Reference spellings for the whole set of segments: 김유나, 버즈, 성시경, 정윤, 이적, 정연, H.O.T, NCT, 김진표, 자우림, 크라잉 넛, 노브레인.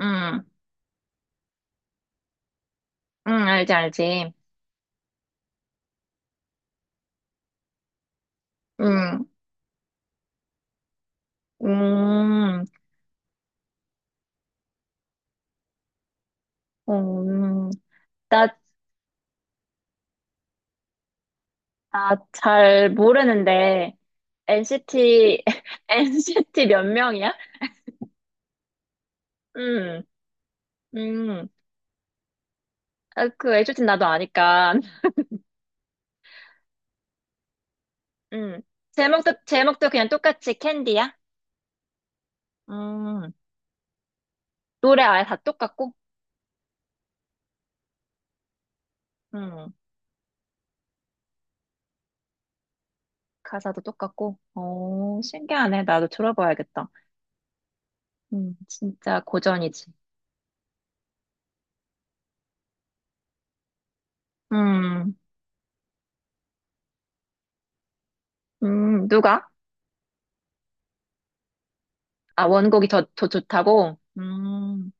응, 응, 알지, 알지. 응, 음, 음, 나, 나 잘 모르는데, NCT, NCT 몇 명이야? 응, 응, 아, 그 애초팀 나도 아니까. 응, 제목도 그냥 똑같이 캔디야? 음, 노래 아예 다 똑같고? 음, 가사도 똑같고? 오, 신기하네. 나도 들어봐야겠다. 진짜 고전이지. 음, 누가? 아, 원곡이 더 좋다고?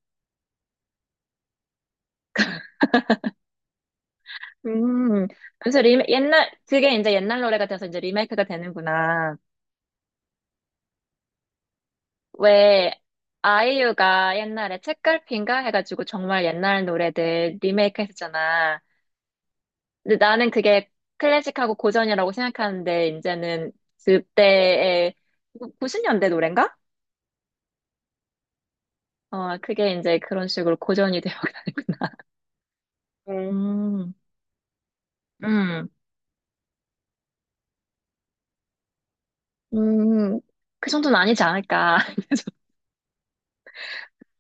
음. 그래서 옛날, 그게 이제 옛날 노래가 돼서 이제 리메이크가 되는구나. 왜, 아이유가 옛날에 책갈피인가 해가지고 정말 옛날 노래들 리메이크 했었잖아. 근데 나는 그게 클래식하고 고전이라고 생각하는데, 이제는 그때의 90년대 노래인가? 어, 그게 이제 그런 식으로 고전이 되어가는구나. 음, 음, 음, 그 정도는 아니지 않을까.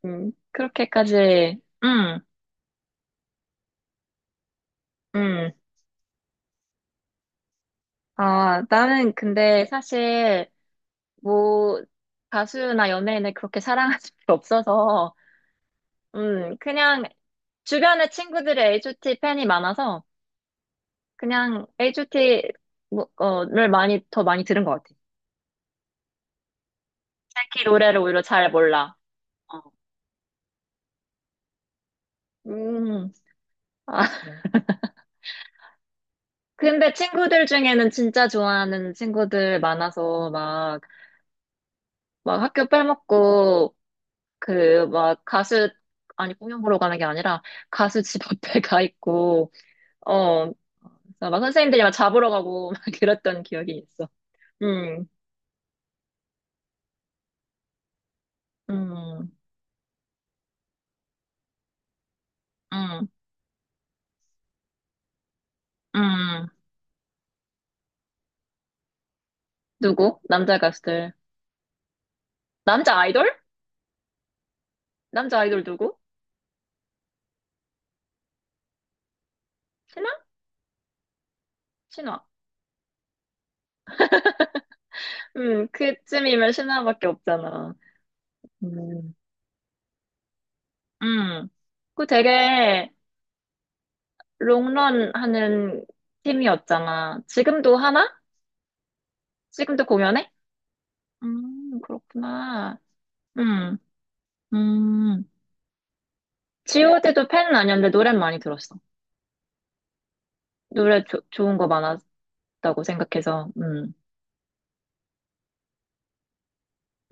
그렇게까지, 음. 아, 나는 근데 사실, 뭐, 가수나 연예인을 그렇게 사랑할 수 없어서, 그냥, 주변에 친구들이 H.O.T 팬이 많아서, 그냥 H.O.T, 뭐, 를 많이, 더 많이 들은 것 같아. 특히 노래를 오히려 잘 몰라. 어. 음, 아, 근데 친구들 중에는 진짜 좋아하는 친구들 많아서, 막, 막 학교 빼먹고, 그, 막, 아니, 공연 보러 가는 게 아니라, 가수 집 앞에 가 있고, 어, 그래서 막 선생님들이 막 잡으러 가고, 막 그랬던 기억이 있어. 음, 음, 음, 음. 누구? 남자 가수들. 남자 아이돌? 남자 아이돌 누구? 신화? 신화. 그쯤이면 신화밖에 없잖아. 음, 음. 그 되게, 롱런 하는 팀이었잖아. 지금도 하나? 지금도 공연해? 그렇구나. 음. 음, G.O.D도 팬은 아니었는데 노래는 많이 들었어. 노래 좋은 거 많았다고 생각해서,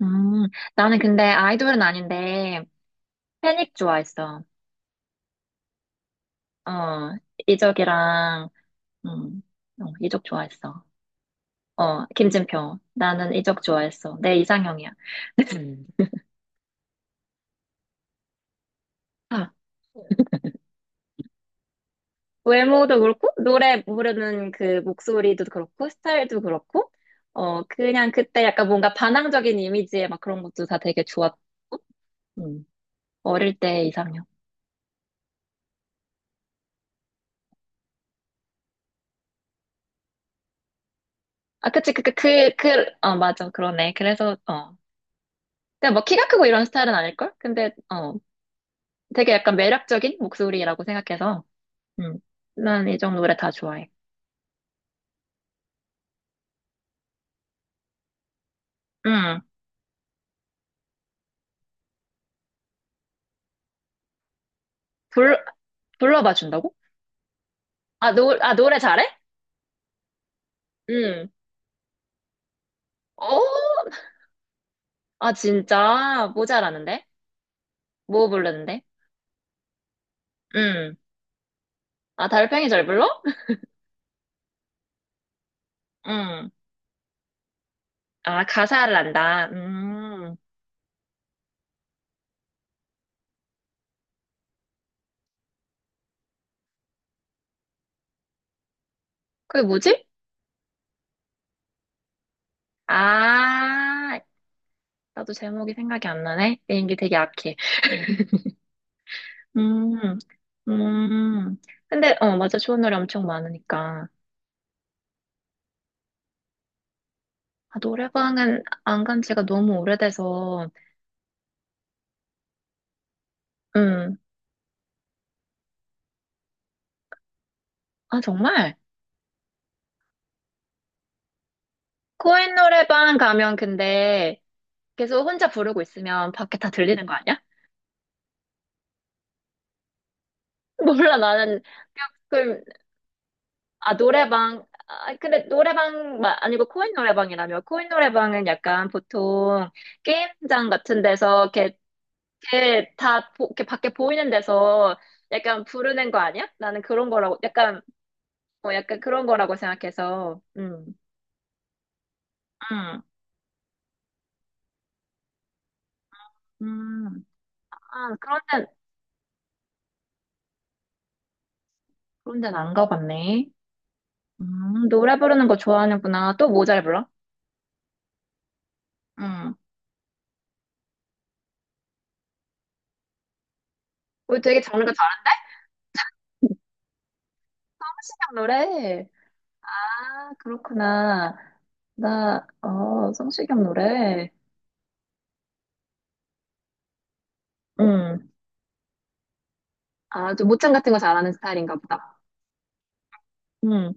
음, 나는 근데 아이돌은 아닌데, 패닉 좋아했어. 어, 이적이랑, 음, 어, 이적 좋아했어. 어, 김진표. 나는 이적 좋아했어. 내 이상형이야. 음. 아, 외모도 그렇고, 노래 부르는 그 목소리도 그렇고, 스타일도 그렇고, 어, 그냥 그때 약간 뭔가 반항적인 이미지의 막 그런 것도 다 되게 좋았고, 음. 어릴 때이상년 아, 그치, 그, 그, 그, 그, 어, 맞아. 그러네. 그래서, 어. 근데 뭐 키가 크고 이런 스타일은 아닐걸? 근데, 어, 되게 약간 매력적인 목소리라고 생각해서, 음, 난 이정 노래 다 좋아해. 음, 불, 불러봐 준다고? 아, 아, 노래 잘해? 음. 어, 아, 진짜. 모자라는데? 뭐 부르는데? 음. 아, 달팽이 잘 불러? 음. 아, 가사를 안다. 음. 그게 뭐지? 아, 나도 제목이 생각이 안 나네. 내 연기 되게 약해. 음, 음. 근데, 어, 맞아. 좋은 노래 엄청 많으니까. 아, 노래방은 안 간 지가 너무 오래돼서, 음. 아, 정말? 코인 노래방 가면 근데 계속 혼자 부르고 있으면 밖에 다 들리는 거 아니야? 몰라, 나는. 그럼 아, 노래방. 아, 근데 노래방 아니고 코인 노래방이라며. 코인 노래방은 약간 보통 게임장 같은 데서 이렇게, 이렇게 다 이렇게 밖에 보이는 데서 약간 부르는 거 아니야? 나는 그런 거라고 약간 어, 약간 그런 거라고 생각해서. 음. 음. 음. 아, 그런 데 그런 데는 안 가봤네. 노래 부르는 거 좋아하는구나. 또 뭐 잘 불러? 음. 우리 되게 장르가 다른데? 한신형 노래. 아, 그렇구나. 나, 어, 성시경 노래. 음. 아, 좀 모창 같은 거 잘하는 스타일인가 보다. 음.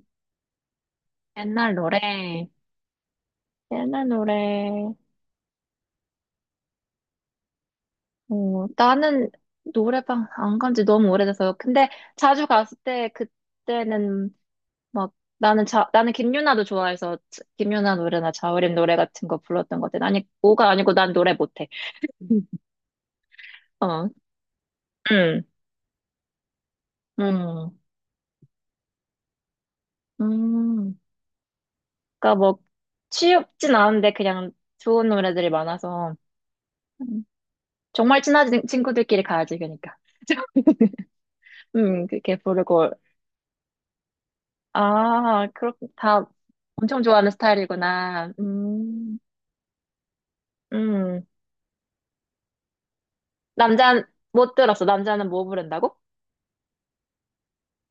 옛날 노래. 옛날 노래. 어, 나는 노래방 안 간지 너무 오래돼서. 근데 자주 갔을 때, 그때는 막, 나는 김유나도 좋아해서, 김유나 노래나 자우림 노래 같은 거 불렀던 것 같아. 아니, 오가 아니고 난 노래 못해. 음. 어, 음, 음, 음. 그러니까 뭐 취업진 않은데 그냥 좋은 노래들이 많아서 음, 정말 친한 친구들끼리 가야지 그러니까. 그렇게 부르고 아, 그렇 다 엄청 좋아하는 스타일이구나. 음. 음. 남자 못 들었어. 남자는 뭐 부른다고?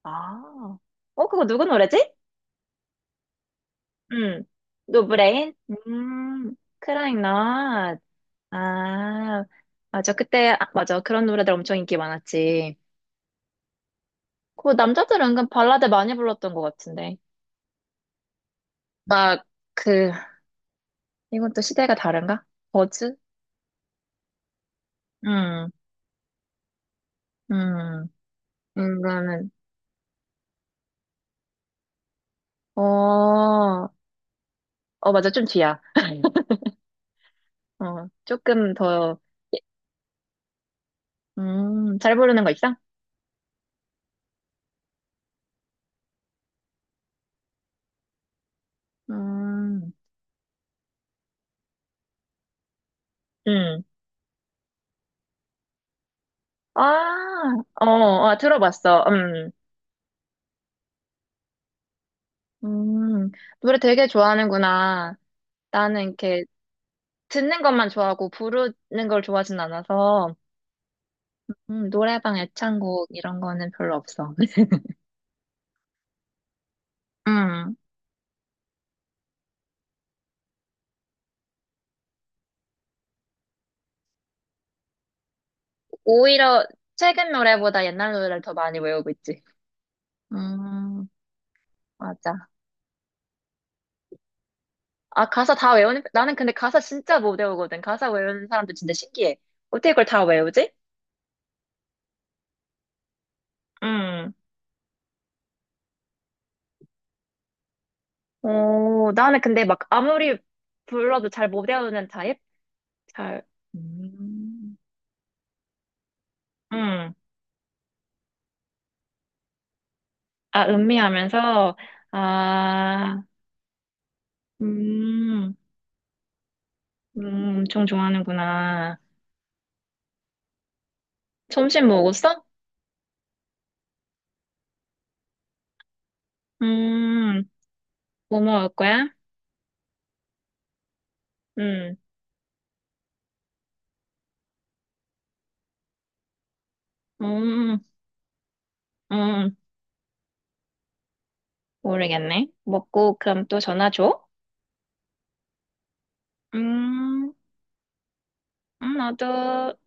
아. 어, 그거 누구 노래지? 음. 노브레인? 음. 크라잉 넛. 아. 맞아. 그때 아, 맞아. 그런 노래들 엄청 인기 많았지. 그 남자들은 은근 발라드 많이 불렀던 것 같은데. 막, 그, 이건 또 시대가 다른가? 버즈? 음, 음, 이거는, 어, 어, 맞아, 좀 뒤야. 어, 조금 더, 잘 부르는 거 있어? 음, 음. 아, 어, 어, 들어봤어. 음. 노래 되게 좋아하는구나. 나는 이렇게 듣는 것만 좋아하고 부르는 걸 좋아하진 않아서, 노래방 애창곡 이런 거는 별로 없어. 음, 오히려 최근 노래보다 옛날 노래를 더 많이 외우고 있지. 음, 맞아. 아, 가사 다 외우는, 나는 근데 가사 진짜 못 외우거든. 가사 외우는 사람들 진짜 신기해. 어떻게 그걸 다 외우지? 음. 오, 나는 근데 막 아무리 불러도 잘 못 외우는 타입? 잘, 음, 음. 아, 음미하면서, 아, 음, 엄청 좋아하는구나. 점심 먹었어? 음, 뭐 먹을 거야? 음. 음, 음, 음. 모르겠네. 먹고 그럼 또 전화 줘? 음, 나도